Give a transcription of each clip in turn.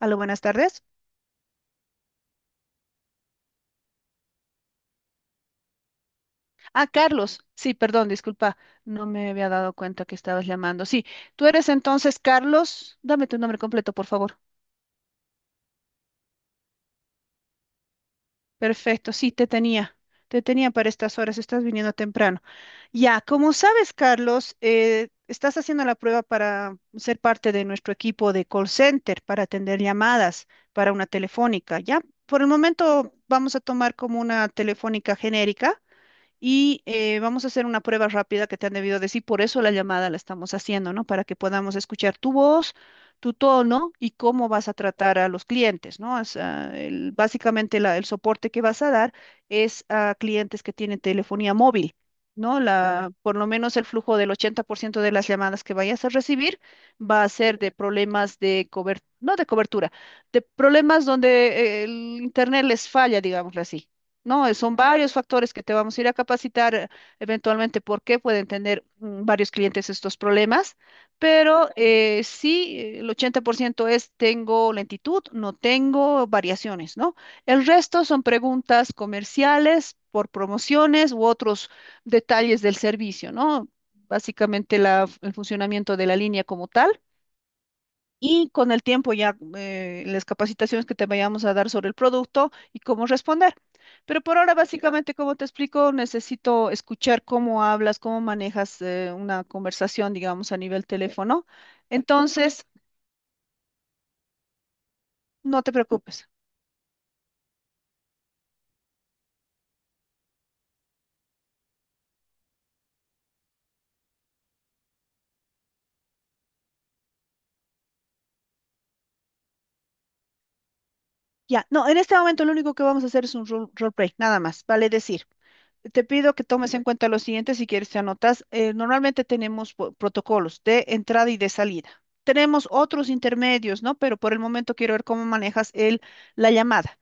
Aló, buenas tardes. Ah, Carlos. Sí, perdón, disculpa. No me había dado cuenta que estabas llamando. Sí, tú eres entonces Carlos. Dame tu nombre completo, por favor. Perfecto, sí, te tenía. Te tenía para estas horas. Estás viniendo temprano. Ya, como sabes, Carlos, estás haciendo la prueba para ser parte de nuestro equipo de call center para atender llamadas para una telefónica. Ya, por el momento vamos a tomar como una telefónica genérica y vamos a hacer una prueba rápida que te han debido decir, por eso la llamada la estamos haciendo, ¿no? Para que podamos escuchar tu voz, tu tono y cómo vas a tratar a los clientes, ¿no? O sea, básicamente el soporte que vas a dar es a clientes que tienen telefonía móvil. ¿No? La, por lo menos el flujo del 80% de las llamadas que vayas a recibir va a ser de problemas de cobertura, no de cobertura, de problemas donde el internet les falla, digámoslo así. No, son varios factores que te vamos a ir a capacitar eventualmente porque pueden tener varios clientes estos problemas, pero sí, el 80% es tengo lentitud, no tengo variaciones, ¿no? El resto son preguntas comerciales por promociones u otros detalles del servicio, ¿no? Básicamente el funcionamiento de la línea como tal. Y con el tiempo ya las capacitaciones que te vayamos a dar sobre el producto y cómo responder. Pero por ahora, básicamente, como te explico, necesito escuchar cómo hablas, cómo manejas una conversación, digamos, a nivel teléfono. Entonces, no te preocupes. Ya, no, en este momento lo único que vamos a hacer es un role play, nada más, vale decir. Te pido que tomes en cuenta lo siguiente, si quieres te anotas. Normalmente tenemos protocolos de entrada y de salida. Tenemos otros intermedios, ¿no? Pero por el momento quiero ver cómo manejas la llamada.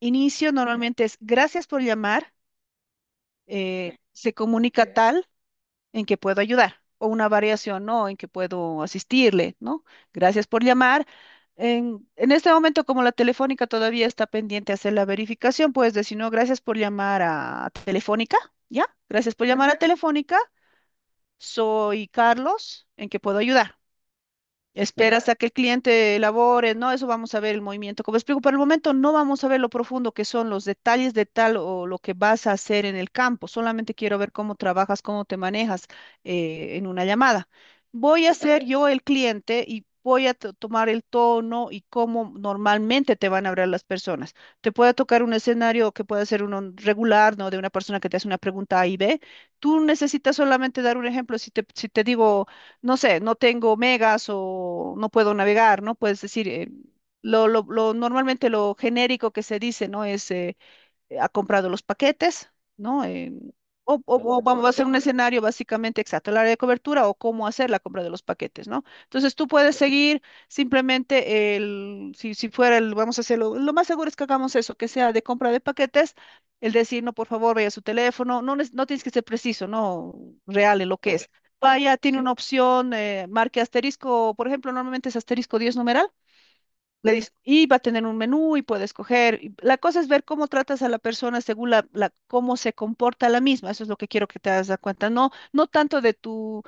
Inicio normalmente es gracias por llamar, se comunica tal, en que puedo ayudar, o una variación, ¿no? En que puedo asistirle, ¿no? Gracias por llamar. En este momento, como la telefónica todavía está pendiente de hacer la verificación, puedes decir, no, gracias por llamar a Telefónica, ¿ya? Gracias por llamar a Telefónica, soy Carlos, ¿en que puedo ayudar? Espera hasta que el cliente elabore, no, eso vamos a ver el movimiento. Como explico, por el momento no vamos a ver lo profundo que son los detalles de tal o lo que vas a hacer en el campo. Solamente quiero ver cómo trabajas, cómo te manejas en una llamada. Voy a ser yo el cliente y voy a tomar el tono y cómo normalmente te van a hablar las personas. Te puede tocar un escenario que puede ser uno regular, ¿no? De una persona que te hace una pregunta A y B. Tú necesitas solamente dar un ejemplo. Si te digo no sé, no tengo megas o no puedo navegar, ¿no? Puedes decir, normalmente lo genérico que se dice, ¿no? Es, ha comprado los paquetes, ¿no? O vamos a hacer un escenario básicamente exacto, el área de cobertura o cómo hacer la compra de los paquetes, ¿no? Entonces tú puedes seguir simplemente si fuera el, vamos a hacerlo, lo más seguro es que hagamos eso, que sea de compra de paquetes, el decir, no, por favor, vaya a su teléfono, no, no tienes que ser preciso, ¿no? Real en lo que es. Vaya, tiene una opción, marque asterisco, por ejemplo, normalmente es *10# le dices, y va a tener un menú y puede escoger. Y la cosa es ver cómo tratas a la persona según cómo se comporta la misma. Eso es lo que quiero que te das cuenta. No, no tanto de tu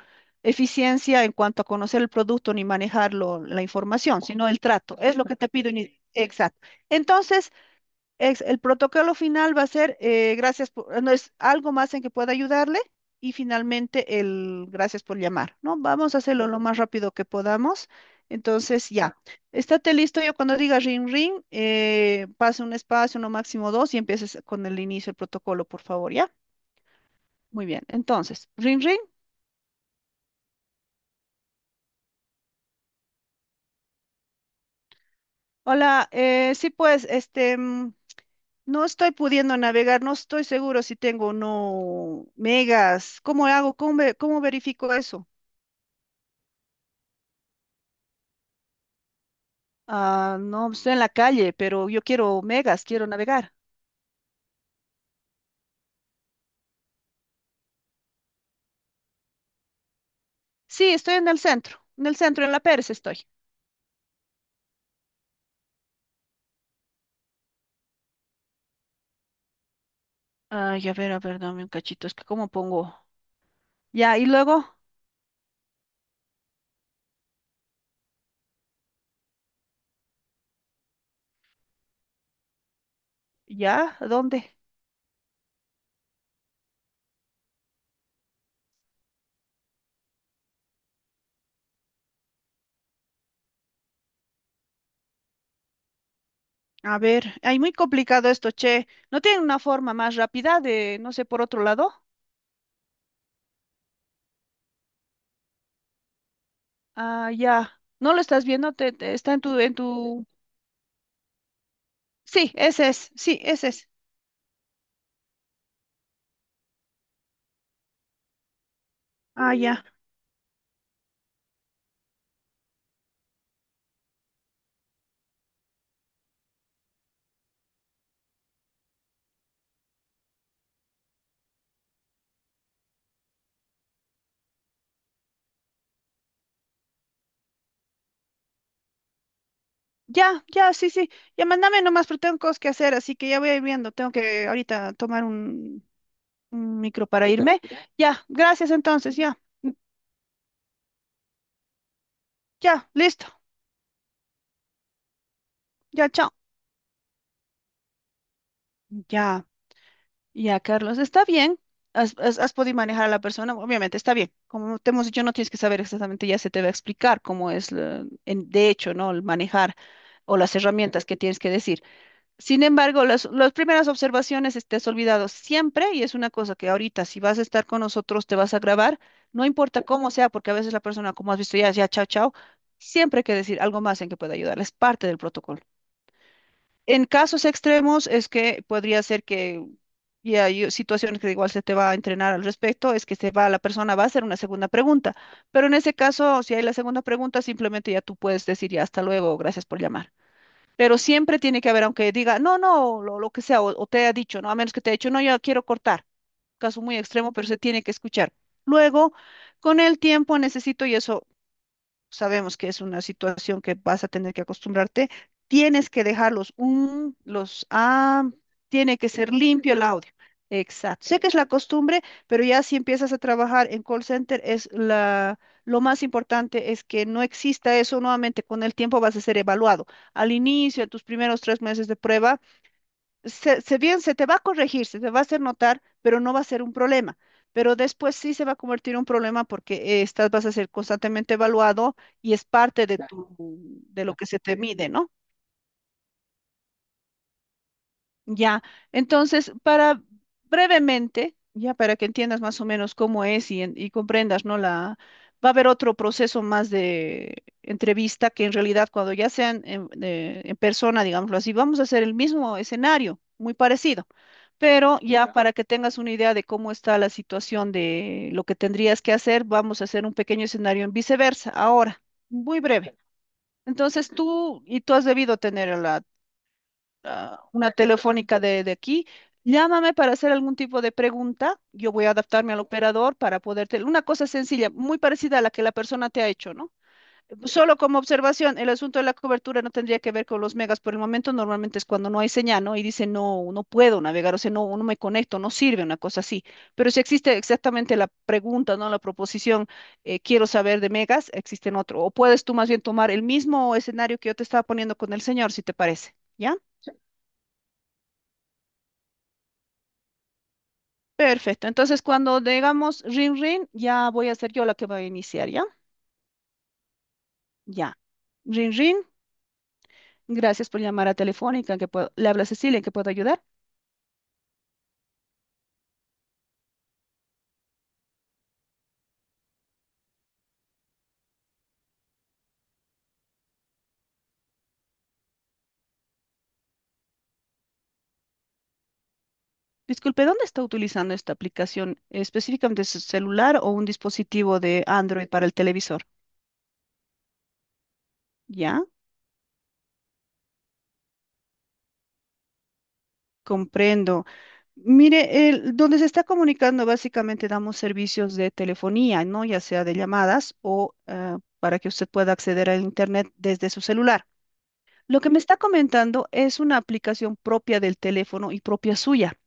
eficiencia en cuanto a conocer el producto ni manejarlo, la información, sino el trato. Es lo que te pido. Exacto. Entonces, el protocolo final va a ser gracias por, no es algo más en que pueda ayudarle y finalmente el gracias por llamar, ¿no? Vamos a hacerlo lo más rápido que podamos. Entonces, ya, estate listo. Yo cuando diga ring ring, pase un espacio, no máximo dos y empieces con el inicio del protocolo, por favor, ¿ya? Muy bien. Entonces, ring ring. Hola, sí, pues, este, no estoy pudiendo navegar, no estoy seguro si tengo o no megas. ¿Cómo hago? ¿Cómo, cómo verifico eso? Ah, no, estoy en la calle, pero yo quiero megas, quiero navegar. Sí, estoy en el centro, en el centro, en la Pérez estoy. Ay, a ver, dame un cachito, es que cómo pongo. Ya, y luego, ya, ¿a ¿dónde? A ver, ay, muy complicado esto, che. ¿No tienen una forma más rápida de, no sé, por otro lado? Ah, ya. ¿No lo estás viendo? Está en tu, en tu. Sí, ese es, sí, ese es. Ah, ya. Ya, ya, sí, sí. Ya, mándame nomás, pero tengo cosas que hacer, así que ya voy a ir viendo. Tengo que ahorita tomar un micro para irme. Ya, gracias entonces, ya, ya, listo, ya, chao. Ya, ya, Carlos, está bien. Has podido manejar a la persona, obviamente está bien. Como te hemos dicho, no tienes que saber exactamente, ya se te va a explicar cómo es, de hecho, ¿no? El manejar o las herramientas que tienes que decir. Sin embargo, las primeras observaciones estés has olvidado siempre y es una cosa que ahorita si vas a estar con nosotros te vas a grabar, no importa cómo sea, porque a veces la persona, como has visto ya, ya, chao, chao, siempre hay que decir algo más en que pueda ayudar, es parte del protocolo. En casos extremos es que podría ser que, y hay situaciones que igual se te va a entrenar al respecto, es que se va, la persona va a hacer una segunda pregunta, pero en ese caso, si hay la segunda pregunta, simplemente ya tú puedes decir ya hasta luego, gracias por llamar. Pero siempre tiene que haber, aunque diga, no, no, lo que sea, o te haya dicho, ¿no? A menos que te haya dicho, no, yo quiero cortar. Caso muy extremo, pero se tiene que escuchar. Luego, con el tiempo necesito, y eso sabemos que es una situación que vas a tener que acostumbrarte, tienes que dejarlos un, los ah, tiene que ser limpio el audio. Exacto. Sé que es la costumbre, pero ya si empiezas a trabajar en call center, es la, lo más importante es que no exista eso nuevamente. Con el tiempo vas a ser evaluado. Al inicio, a tus primeros 3 meses de prueba, se te va a corregir, se te va a hacer notar, pero no va a ser un problema. Pero después sí se va a convertir en un problema porque estás, vas a ser constantemente evaluado y es parte de Claro. Tu, de lo que se te mide, ¿no? Ya. Entonces, para brevemente, ya para que entiendas más o menos cómo es y, y comprendas, ¿no? La, va a haber otro proceso más de entrevista que en realidad cuando ya sean en, en persona, digámoslo así, vamos a hacer el mismo escenario, muy parecido. Pero ya para que tengas una idea de cómo está la situación de lo que tendrías que hacer, vamos a hacer un pequeño escenario en viceversa. Ahora, muy breve. Entonces tú, y tú has debido tener a la, a una telefónica de aquí, llámame para hacer algún tipo de pregunta. Yo voy a adaptarme al operador para poderte. Una cosa sencilla, muy parecida a la que la persona te ha hecho, ¿no? Solo como observación, el asunto de la cobertura no tendría que ver con los megas por el momento, normalmente es cuando no hay señal, ¿no? Y dice, no, no puedo navegar, o sea, no, no me conecto, no sirve una cosa así. Pero si existe exactamente la pregunta, ¿no? La proposición, quiero saber de megas, existen otro. O puedes tú más bien tomar el mismo escenario que yo te estaba poniendo con el señor, si te parece, ¿ya? Perfecto. Entonces, cuando digamos ring ring, ya voy a ser yo la que va a iniciar, ¿ya? Ya. Ring ring, gracias por llamar a Telefónica, que puedo, le habla Cecilia, ¿en qué puedo ayudar? Disculpe, ¿dónde está utilizando esta aplicación? ¿Específicamente su celular o un dispositivo de Android para el televisor? Ya, comprendo. Mire, donde se está comunicando básicamente damos servicios de telefonía, ¿no? Ya sea de llamadas o para que usted pueda acceder al Internet desde su celular. Lo que me está comentando es una aplicación propia del teléfono y propia suya.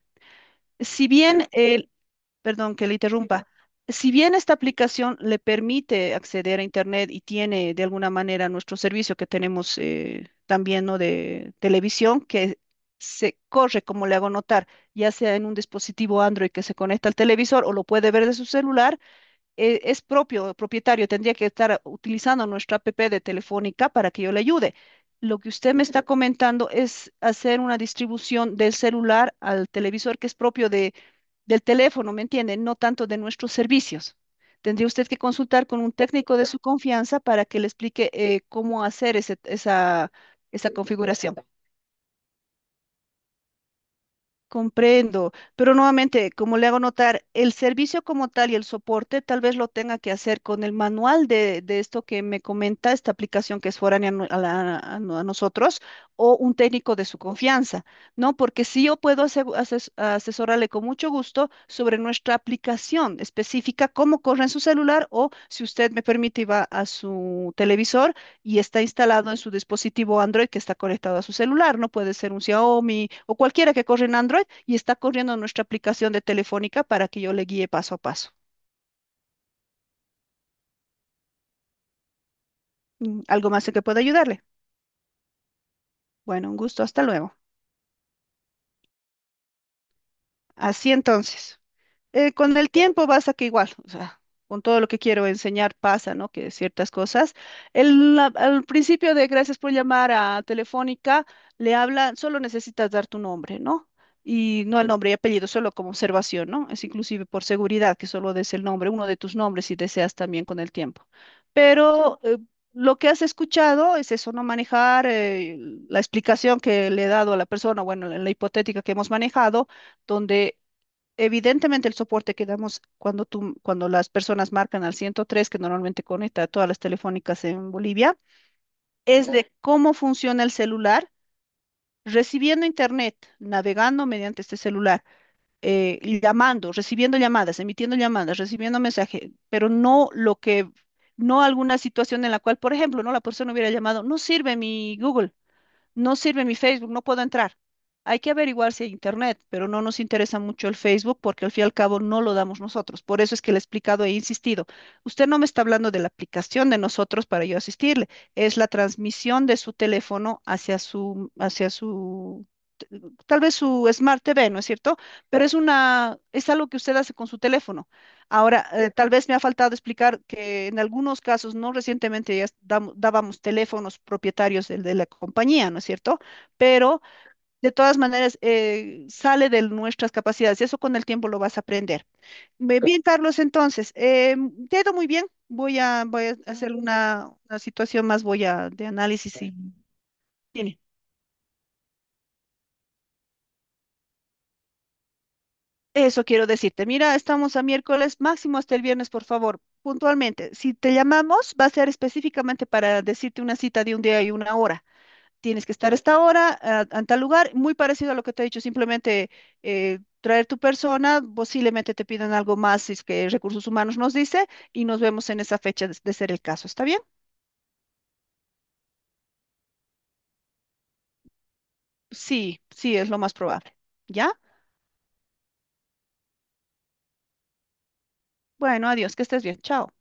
Si bien perdón que le interrumpa. Si bien esta aplicación le permite acceder a Internet y tiene de alguna manera nuestro servicio que tenemos también, ¿no?, de televisión, que se corre, como le hago notar, ya sea en un dispositivo Android que se conecta al televisor o lo puede ver de su celular, es propio, propietario, tendría que estar utilizando nuestra app de Telefónica para que yo le ayude. Lo que usted me está comentando es hacer una distribución del celular al televisor que es propio de del teléfono, ¿me entienden? No tanto de nuestros servicios. Tendría usted que consultar con un técnico de su confianza para que le explique cómo hacer esa, esa configuración. Comprendo, pero nuevamente, como le hago notar, el servicio como tal y el soporte tal vez lo tenga que hacer con el manual de esto que me comenta, esta aplicación que es foránea a, no- a la- a no- a nosotros, o un técnico de su confianza, ¿no? Porque sí yo puedo asesorarle con mucho gusto sobre nuestra aplicación específica, cómo corre en su celular o, si usted me permite, y va a su televisor y está instalado en su dispositivo Android que está conectado a su celular, no puede ser un Xiaomi o cualquiera que corre en Android y está corriendo nuestra aplicación de Telefónica, para que yo le guíe paso a paso. Mm, ¿algo más en que pueda ayudarle? Bueno, un gusto, hasta luego. Así entonces. Con el tiempo vas a que igual, o sea, con todo lo que quiero enseñar pasa, ¿no? Que ciertas cosas. Al principio de gracias por llamar a Telefónica, le habla, solo necesitas dar tu nombre, ¿no? Y no el nombre y apellido, solo como observación, ¿no? Es inclusive por seguridad que solo des el nombre, uno de tus nombres si deseas también con el tiempo. Pero lo que has escuchado es eso, no manejar la explicación que le he dado a la persona, bueno, la hipotética que hemos manejado donde evidentemente el soporte que damos cuando tú, cuando las personas marcan al 103, que normalmente conecta a todas las telefónicas en Bolivia, es de cómo funciona el celular, recibiendo internet, navegando mediante este celular, llamando, recibiendo llamadas, emitiendo llamadas, recibiendo mensajes, pero no lo que, no alguna situación en la cual, por ejemplo, no, la persona hubiera llamado, no sirve mi Google, no sirve mi Facebook, no puedo entrar. Hay que averiguar si hay internet, pero no nos interesa mucho el Facebook porque al fin y al cabo no lo damos nosotros. Por eso es que le he explicado e insistido. Usted no me está hablando de la aplicación de nosotros para yo asistirle. Es la transmisión de su teléfono hacia su, t- tal vez su Smart TV, ¿no es cierto? Pero es una, es algo que usted hace con su teléfono. Ahora, tal vez me ha faltado explicar que en algunos casos, no recientemente, ya dábamos teléfonos propietarios de la compañía, ¿no es cierto? Pero de todas maneras sale de nuestras capacidades y eso con el tiempo lo vas a aprender. Ve bien, Carlos, entonces, te ha ido muy bien. Voy a, voy a hacer una situación más, voy a de análisis y... Bien. Eso quiero decirte. Mira, estamos a miércoles, máximo hasta el viernes, por favor, puntualmente. Si te llamamos, va a ser específicamente para decirte una cita de un día y una hora. Tienes que estar a esta hora, a tal lugar, muy parecido a lo que te he dicho, simplemente traer tu persona, posiblemente te pidan algo más, si es que recursos humanos nos dice, y nos vemos en esa fecha de ser el caso. ¿Está bien? Sí, sí, es lo más probable. ¿Ya? Bueno, adiós, que estés bien. Chao.